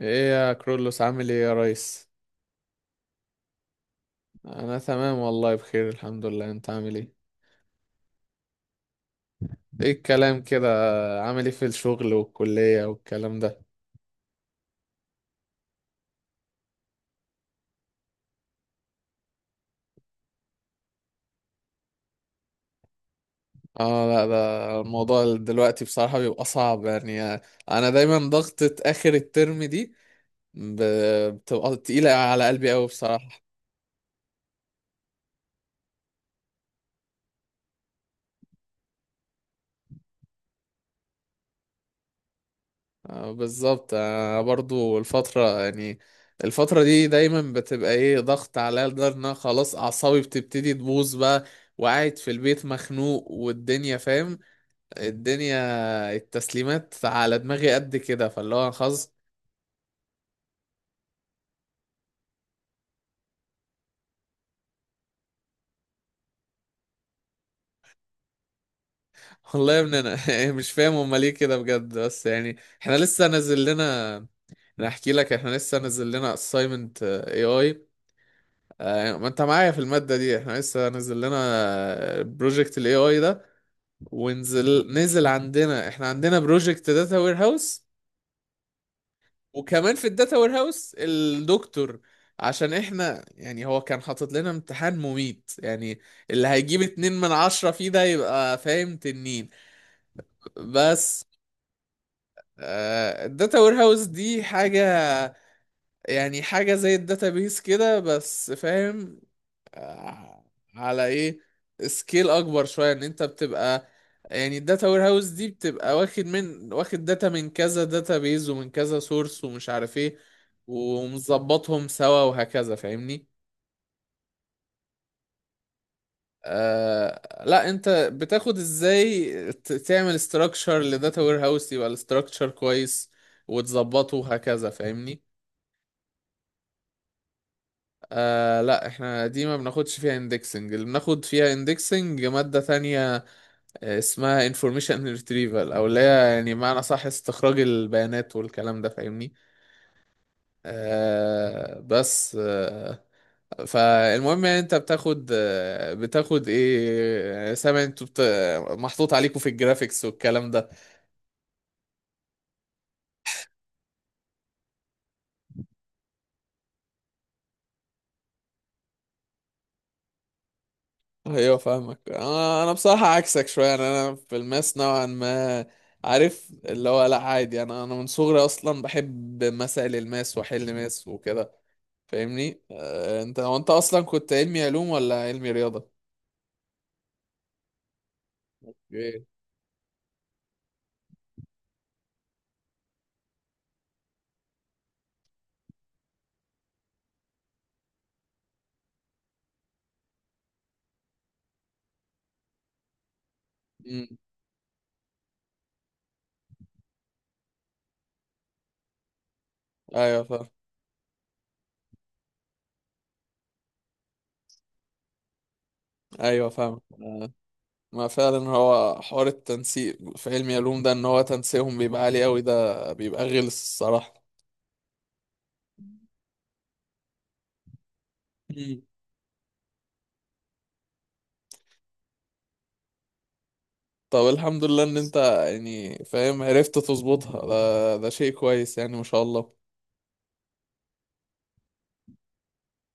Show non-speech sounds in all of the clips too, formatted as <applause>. ايه يا كرولوس؟ عامل ايه يا ريس؟ انا تمام والله، بخير الحمد لله. انت عامل ايه؟ ايه الكلام كده؟ عامل ايه في الشغل والكلية والكلام ده؟ اه لا ده الموضوع دلوقتي بصراحة بيبقى صعب يعني. انا دايما ضغطة اخر الترم دي بتبقى تقيلة على قلبي قوي بصراحة. بالظبط. برضو الفترة يعني، الفترة دي دايما بتبقى ايه ضغط عليا لدرجة ان أنا خلاص اعصابي بتبتدي تبوظ بقى، وقاعد في البيت مخنوق والدنيا فاهم. الدنيا التسليمات على دماغي قد كده، فاللي هو خلاص. <laughs> والله يا ابني انا <laughs> مش فاهم هما ليه كده بجد، بس يعني احنا لسه نازل لنا. انا احكي لك، احنا لسه نازل لنا assignment اي اي. ما انت معايا في المادة دي، احنا لسه نازل لنا بروجكت الاي اي ده، ونزل عندنا، احنا عندنا بروجكت داتا وير هاوس، وكمان في الداتا وير هاوس الدكتور، عشان احنا يعني هو كان حاطط لنا امتحان مميت يعني، اللي هيجيب 2 من 10 فيه ده يبقى فاهم تنين بس. الداتا وير هاوس دي حاجة يعني حاجة زي الداتابيس كده بس فاهم؟ آه، على ايه، سكيل اكبر شويه، ان انت بتبقى يعني الداتا وير هاوس دي بتبقى واخد، واخد داتا من كذا داتا بيز ومن كذا سورس ومش عارف ايه، ومظبطهم سوا وهكذا فاهمني؟ آه لا، انت بتاخد ازاي تعمل استراكشر لداتا وير هاوس يبقى الاستراكشر كويس وتظبطه وهكذا فاهمني. آه لا احنا دي ما بناخدش فيها اندكسنج، اللي بناخد فيها اندكسنج مادة تانية اسمها انفورميشن retrieval، او اللي هي يعني معنى صح استخراج البيانات والكلام ده فاهمني. آه بس آه فالمهم يعني انت بتاخد بتاخد ايه، سامع انتوا محطوط عليكم في الجرافيكس والكلام ده؟ ايوه فاهمك. انا بصراحة عكسك شوية، يعني انا في الماس نوعا ما عارف اللي هو لا عادي، انا من صغري اصلا بحب مسائل الماس واحل ماس وكده فاهمني. انت هو انت اصلا كنت علمي علوم ولا علمي رياضه؟ ايه؟ امم، ايوه فاهم، ايوه فاهم. ما فعلا هو حوار التنسيق في علمي علوم ده ان هو تنسيقهم بيبقى عالي قوي، ده بيبقى غلس الصراحه. مم. طب الحمد لله ان انت يعني فاهم عرفت تظبطها، ده ده شيء كويس يعني ما شاء الله.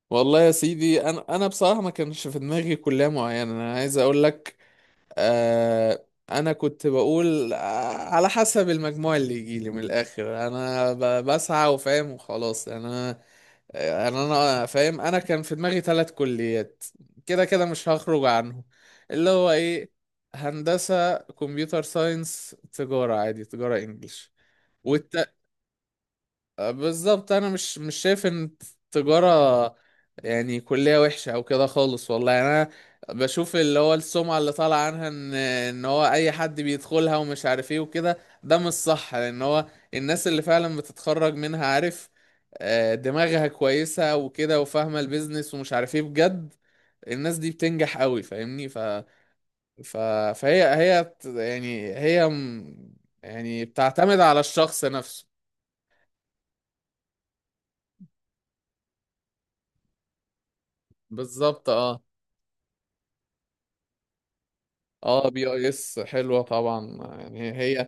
والله يا سيدي انا، بصراحه ما كانش في دماغي كليه معينه، انا عايز اقول لك آه، انا كنت بقول على حسب المجموع اللي يجيلي من الاخر انا بسعى وفاهم وخلاص يعني انا. فاهم، انا كان في دماغي 3 كليات كده كده مش هخرج عنهم، اللي هو ايه، هندسة، كمبيوتر ساينس، تجارة عادي، تجارة انجليش. بالظبط، انا مش مش شايف ان التجارة يعني كلية وحشة او كده خالص والله. يعني انا بشوف اللي هو السمعة اللي طالع عنها ان ان هو اي حد بيدخلها ومش عارف ايه وكده، ده مش صح، لان هو الناس اللي فعلا بتتخرج منها عارف دماغها كويسة وكده وفاهمة البيزنس ومش عارف ايه بجد. الناس دي بتنجح قوي فاهمني. ف... ف... فهي هي بت- يعني هي م- يعني بتعتمد على الشخص نفسه. بالظبط اه. اه بي اي اس حلوة طبعا يعني هي،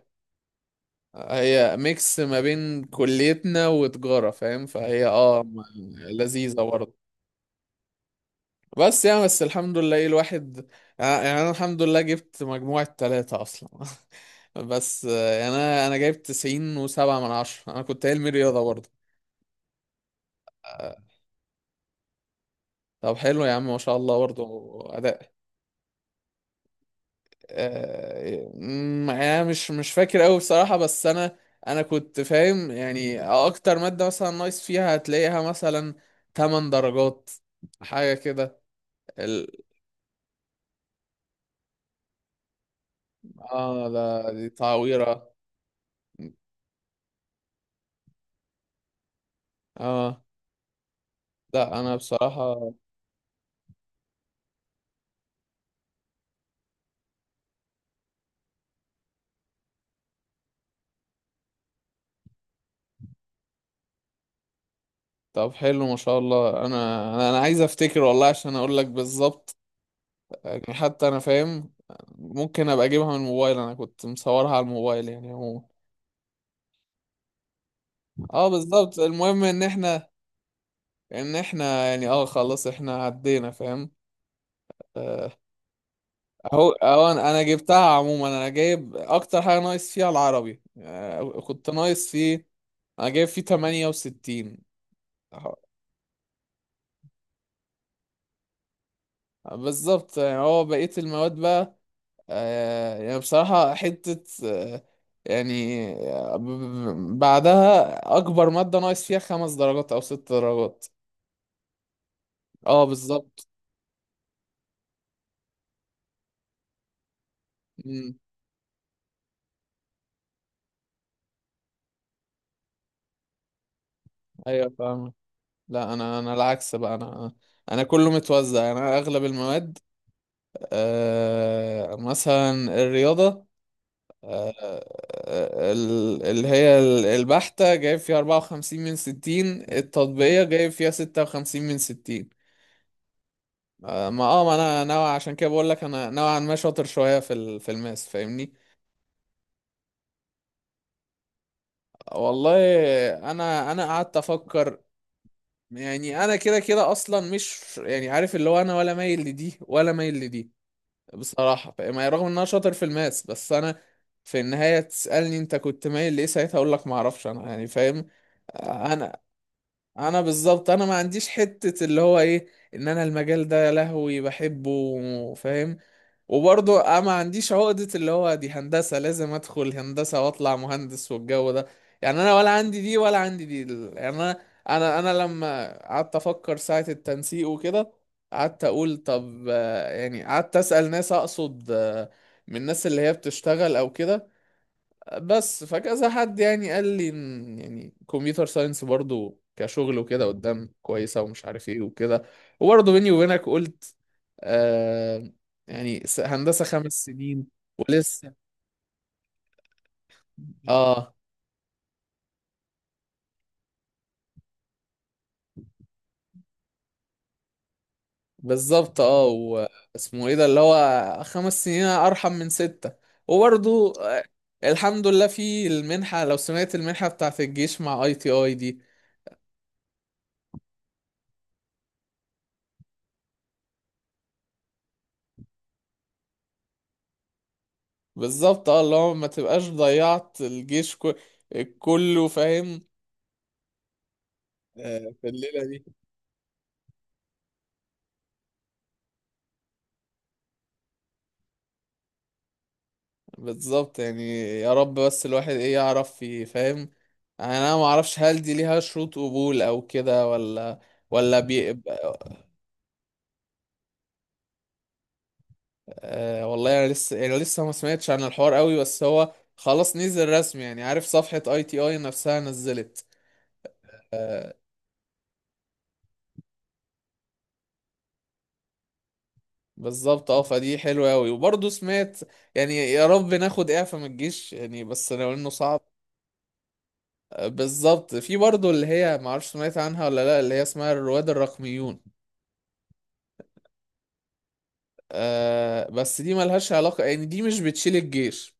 هي ميكس ما بين كليتنا وتجارة فاهم، لذيذة برضه. بس يعني بس الحمد لله، ايه الواحد يعني، يعني انا الحمد لله جبت مجموعة 3 اصلا. <laughs> بس انا جايب 97 من 10، انا كنت علمي رياضة برضه. آه، طب حلو يا عم ما شاء الله برضه. اداء. يعني انا مش مش فاكر قوي بصراحة، بس انا، انا كنت فاهم يعني اكتر مادة مثلا ناقص فيها هتلاقيها مثلا 8 درجات حاجة كده. ال... اه ده دي تعويرة. اه لا انا بصراحة. طب حلو ما شاء الله. انا عايز افتكر والله عشان اقول لك بالظبط، يعني حتى انا فاهم ممكن ابقى اجيبها من الموبايل، انا كنت مصورها على الموبايل يعني هو. اه بالظبط، المهم ان احنا، لان احنا يعني اه خلاص احنا عدينا فاهم. آه، اهو اهو، انا جبتها عموما. انا جايب اكتر حاجه ناقص فيها العربي، كنت ناقص فيه، انا جايب فيه 68 أهو. بالظبط، يعني هو بقيه المواد بقى، آه، يعني بصراحه حته آه، يعني آه، ب- ب- بعدها اكبر ماده ناقص فيها 5 درجات او 6 درجات. اه بالظبط. مم. ايوه فاهم. لا انا العكس بقى، انا انا كله متوزع، انا اغلب المواد، آه مثلا الرياضه البحته جايب فيها 54 من 60، التطبيقيه جايب فيها 56 من 60. آه ما اه ما انا نوع عشان كده بقول لك انا نوعا ما شاطر شويه في الماس فاهمني. والله انا، قعدت افكر، يعني انا كده كده اصلا مش يعني عارف اللي هو انا ولا مايل لدي ولا مايل لدي بصراحة فاهم. يعني رغم ان انا شاطر في الماس بس انا في النهاية تسألني انت كنت مايل لإيه ساعتها اقول لك ما اعرفش انا يعني فاهم. انا انا بالظبط انا ما عنديش حتة اللي هو ايه ان انا المجال ده يا لهوي بحبه فاهم. وبرضه أنا ما عنديش عقدة اللي هو دي هندسة لازم أدخل هندسة وأطلع مهندس والجو ده، يعني أنا ولا عندي دي ولا عندي دي. يعني أنا لما قعدت أفكر ساعة التنسيق وكده قعدت أقول طب يعني قعدت أسأل ناس، أقصد من الناس اللي هي بتشتغل أو كده بس، فكذا حد يعني قال لي إن يعني كمبيوتر ساينس برضه كشغل وكده قدام كويسة ومش عارف إيه وكده. وبرضه بيني وبينك قلت آه يعني هندسة 5 سنين ولسه. اه بالظبط. اه واسمه ايه ده، اللي هو 5 سنين ارحم من 6. وبرضو الحمد لله في المنحة، لو سمعت المنحة بتاعت الجيش مع اي تي اي دي. بالظبط اه، اللي هو ما تبقاش ضيعت الجيش كله فاهم. في الليلة دي بالظبط، يعني يا رب بس الواحد ايه يعرف فاهم، يعني انا ما اعرفش هل دي ليها شروط قبول او كده، ولا ولا بيبقى. آه والله انا لسه يعني لسه ما سمعتش عن الحوار قوي، بس هو خلاص نزل رسمي يعني عارف، صفحة اي تي اي نفسها نزلت. آه بالظبط اه، فدي حلوة قوي. وبرضه سمعت يعني، يا رب ناخد اعفاء من الجيش يعني، بس لو انه صعب. آه بالظبط. في برضه اللي هي ما اعرفش سمعت عنها ولا لا، اللي هي اسمها الرواد الرقميون، آه بس دي ملهاش علاقة يعني، دي مش بتشيل الجيش،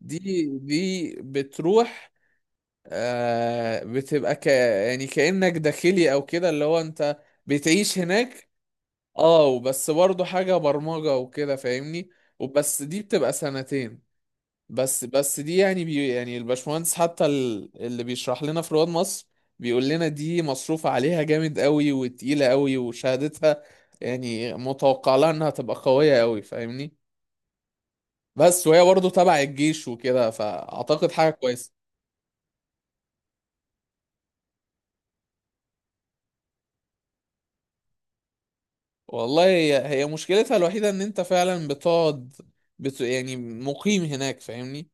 دي دي بتروح، آه بتبقى ك يعني كأنك داخلي او كده، اللي هو انت بتعيش هناك. اه بس برضه حاجة برمجة وكده فاهمني، وبس دي بتبقى سنتين. بس دي يعني بي، يعني الباشمهندس حتى اللي بيشرح لنا في رواد مصر بيقول لنا دي مصروف عليها جامد قوي وتقيلة قوي، وشهادتها يعني متوقع لها انها تبقى قوية قوي فاهمني. بس وهي برضه تبع الجيش وكده، فاعتقد حاجه كويسه. والله هي، هي مشكلتها الوحيده ان انت فعلا بتقعد يعني مقيم هناك فاهمني.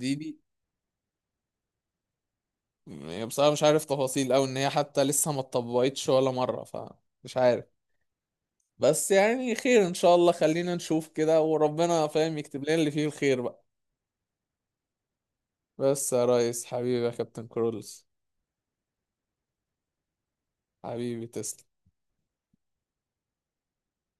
دي يعني بصراحه مش عارف تفاصيل، او ان هي حتى لسه ما اتطبقتش ولا مره فمش عارف. بس يعني خير ان شاء الله، خلينا نشوف كده وربنا فاهم يكتب لنا اللي فيه الخير بقى. بس يا ريس حبيبي يا كابتن كرولز، حبيبي تسلم.